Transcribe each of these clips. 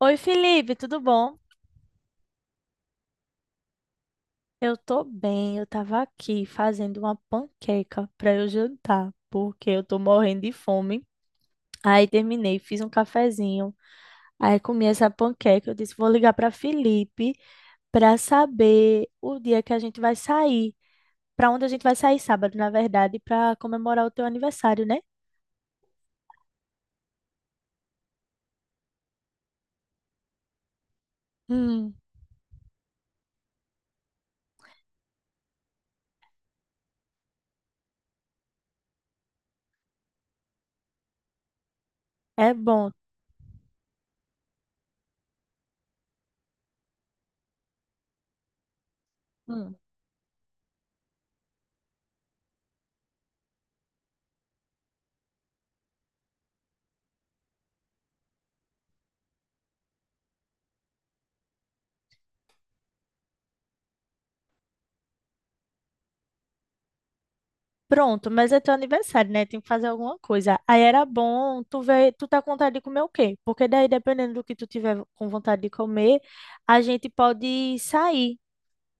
Oi, Felipe, tudo bom? Eu tô bem, eu tava aqui fazendo uma panqueca pra eu jantar, porque eu tô morrendo de fome. Aí terminei, fiz um cafezinho, aí comi essa panqueca. Eu disse, vou ligar pra Felipe pra saber o dia que a gente vai sair, pra onde a gente vai sair sábado, na verdade, pra comemorar o teu aniversário, né? Hum, é bom. Pronto, mas é teu aniversário, né? Tem que fazer alguma coisa. Aí era bom tu ver, tu tá com vontade de comer o quê? Porque daí, dependendo do que tu tiver com vontade de comer, a gente pode sair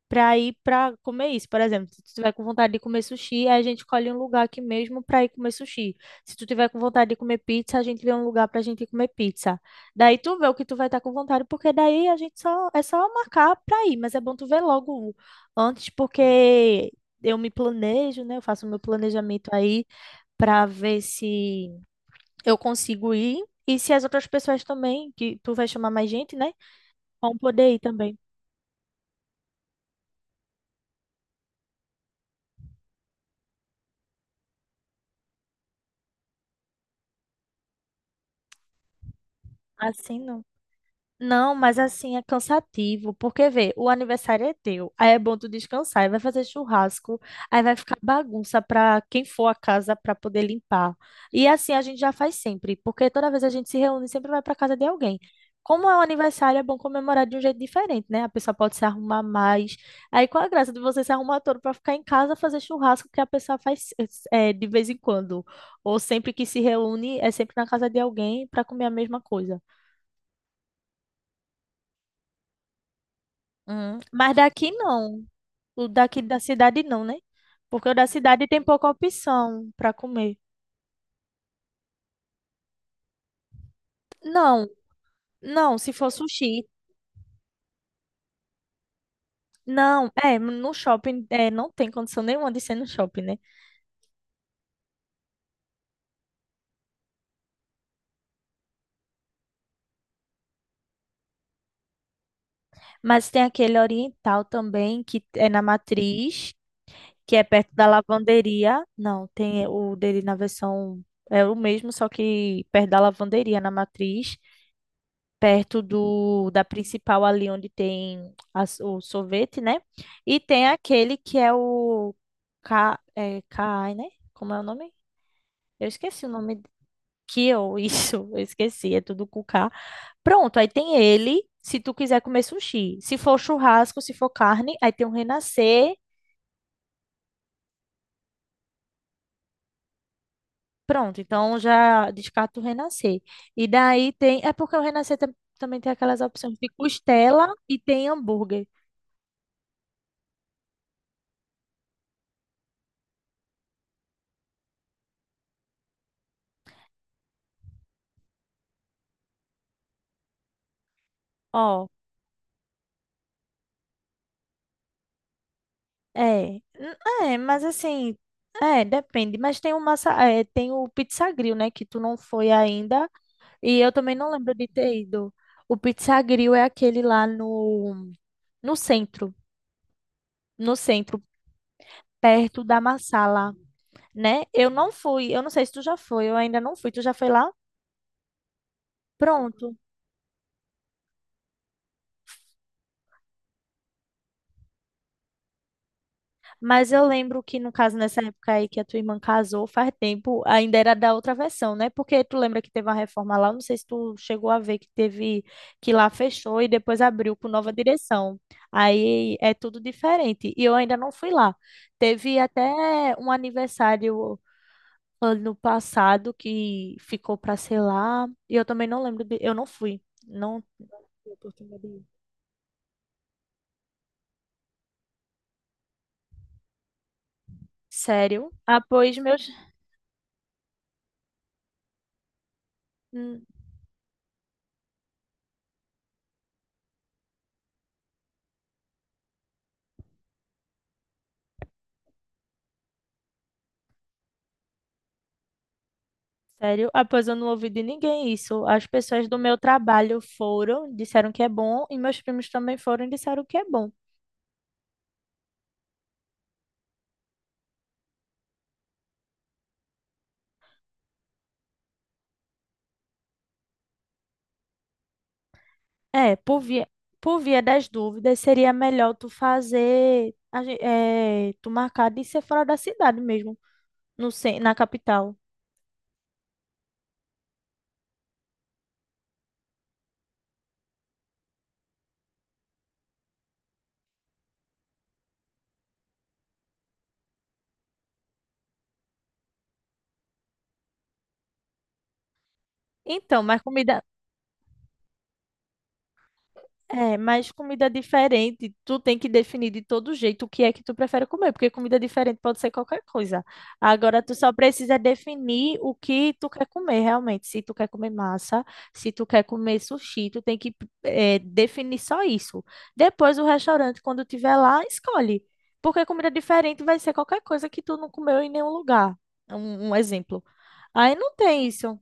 pra ir pra comer isso. Por exemplo, se tu tiver com vontade de comer sushi, aí a gente escolhe um lugar aqui mesmo pra ir comer sushi. Se tu tiver com vontade de comer pizza, a gente vê um lugar pra gente ir comer pizza. Daí tu vê o que tu vai estar com vontade, porque daí a gente só é só marcar pra ir, mas é bom tu ver logo antes, porque eu me planejo, né? Eu faço o meu planejamento aí pra ver se eu consigo ir. E se as outras pessoas também, que tu vai chamar mais gente, né? Vão poder ir também. Assim não. Não, mas assim é cansativo, porque vê, o aniversário é teu, aí é bom tu descansar, aí vai fazer churrasco, aí vai ficar bagunça para quem for a casa para poder limpar. E assim a gente já faz sempre, porque toda vez a gente se reúne, sempre vai para casa de alguém. Como é um aniversário, é bom comemorar de um jeito diferente, né? A pessoa pode se arrumar mais. Aí qual a graça de você se arrumar todo para ficar em casa fazer churrasco que a pessoa faz de vez em quando, ou sempre que se reúne é sempre na casa de alguém para comer a mesma coisa. Mas daqui não. O daqui da cidade não, né? Porque o da cidade tem pouca opção para comer. Não, não, se for sushi. Não, é, no shopping é, não tem condição nenhuma de ser no shopping, né? Mas tem aquele oriental também, que é na Matriz, que é perto da lavanderia. Não, tem o dele na versão. É o mesmo, só que perto da lavanderia, na Matriz. Perto do da principal ali onde tem o sorvete, né? E tem aquele que é o Ca, é, Kai, né? Como é o nome? Eu esqueci o nome. Kio, isso, eu esqueci, é tudo com K. Pronto, aí tem ele, se tu quiser comer sushi. Se for churrasco, se for carne, aí tem o Renascer. Pronto, então já descarta o Renascer. E daí tem, é porque o Renascer também tem aquelas opções de costela e tem hambúrguer. Ó, é, n- é, mas assim, é, depende. Mas tem o massa, é, tem o Pizza Grill, né, que tu não foi ainda. E eu também não lembro de ter ido. O Pizza Grill é aquele lá no, no centro, no centro, perto da Marsala, né? Eu não fui, eu não sei se tu já foi, eu ainda não fui. Tu já foi lá? Pronto. Mas eu lembro que, no caso, nessa época aí que a tua irmã casou, faz tempo, ainda era da outra versão, né? Porque tu lembra que teve uma reforma lá, eu não sei se tu chegou a ver que teve, que lá fechou e depois abriu com nova direção. Aí é tudo diferente. E eu ainda não fui lá. Teve até um aniversário ano passado que ficou pra ser lá, e eu também não lembro de, eu não fui. Não tive oportunidade de ir. Sério? Ah, pois meus. Sério? Ah, pois eu não ouvi de ninguém isso. As pessoas do meu trabalho foram, disseram que é bom, e meus primos também foram e disseram que é bom. É, por via das dúvidas, seria melhor tu fazer, a é, tu marcar de ser fora da cidade mesmo, no, na capital. Então, mas comida, é, mas comida diferente, tu tem que definir de todo jeito o que é que tu prefere comer, porque comida diferente pode ser qualquer coisa. Agora, tu só precisa definir o que tu quer comer realmente. Se tu quer comer massa, se tu quer comer sushi, tu tem que definir só isso. Depois, o restaurante, quando tiver lá, escolhe. Porque comida diferente vai ser qualquer coisa que tu não comeu em nenhum lugar. Um exemplo. Aí não tem isso.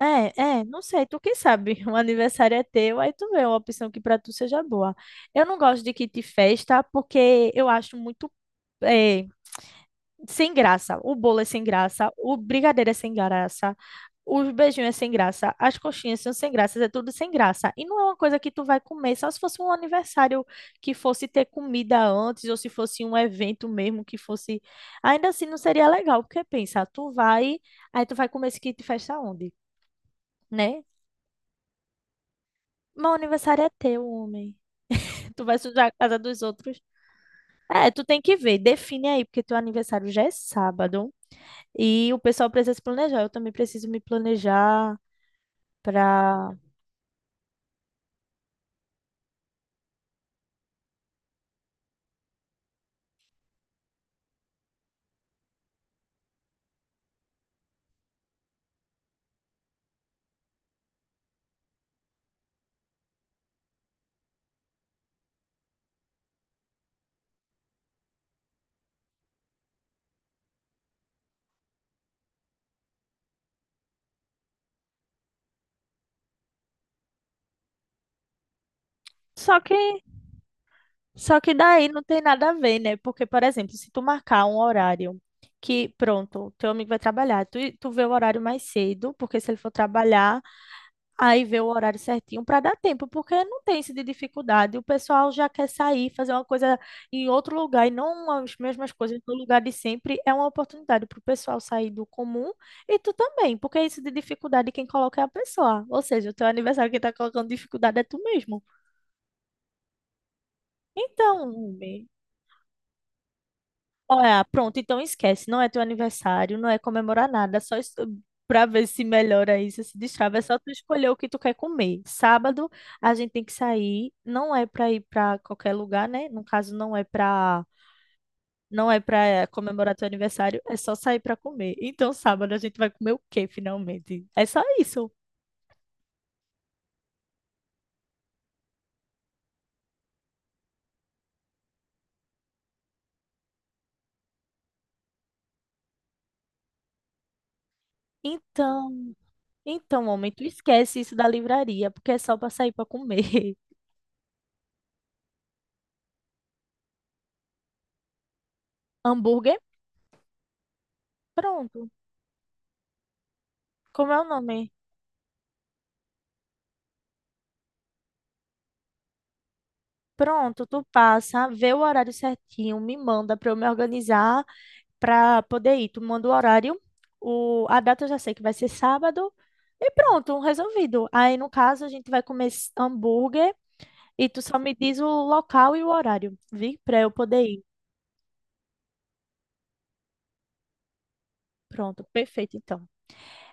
É, é, não sei, tu que sabe, o aniversário é teu, aí tu vê uma opção que pra tu seja boa. Eu não gosto de kit festa porque eu acho muito eh, sem graça. O bolo é sem graça, o brigadeiro é sem graça, os beijinhos é sem graça, as coxinhas são sem graça, é tudo sem graça. E não é uma coisa que tu vai comer, só se fosse um aniversário que fosse ter comida antes, ou se fosse um evento mesmo que fosse. Ainda assim não seria legal, porque pensa, tu vai, aí tu vai comer esse kit festa onde? Né? Meu aniversário é teu, homem. Tu vai sujar a casa dos outros. É, tu tem que ver, define aí, porque teu aniversário já é sábado e o pessoal precisa se planejar. Eu também preciso me planejar pra. Só que, só que daí não tem nada a ver, né? Porque, por exemplo, se tu marcar um horário que, pronto, teu amigo vai trabalhar, tu, tu vê o horário mais cedo, porque se ele for trabalhar, aí vê o horário certinho para dar tempo, porque não tem esse de dificuldade. O pessoal já quer sair, fazer uma coisa em outro lugar e não as mesmas coisas no lugar de sempre. É uma oportunidade para o pessoal sair do comum e tu também, porque isso de dificuldade quem coloca é a pessoa. Ou seja, o teu aniversário que está colocando dificuldade é tu mesmo. Então, olha, pronto, então esquece. Não é teu aniversário, não é comemorar nada, é só pra ver se melhora isso, se destrava. É só tu escolher o que tu quer comer. Sábado a gente tem que sair, não é pra ir pra qualquer lugar, né? No caso, não é pra, não é pra comemorar teu aniversário, é só sair pra comer. Então, sábado a gente vai comer o quê, finalmente? É só isso. Então, então, homem, tu esquece isso da livraria, porque é só pra sair pra comer. Hambúrguer? Pronto. Como é o nome? Pronto, tu passa, vê o horário certinho, me manda para eu me organizar para poder ir. Tu manda o horário, o, a data eu já sei que vai ser sábado e pronto, resolvido. Aí no caso a gente vai comer hambúrguer e tu só me diz o local e o horário, vi? Para eu poder ir. Pronto, perfeito então.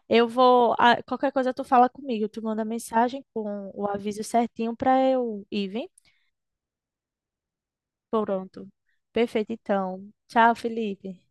Eu vou, ah, qualquer coisa tu fala comigo, tu manda mensagem com o aviso certinho para eu ir, vi? Pronto. Perfeito então. Tchau, Felipe.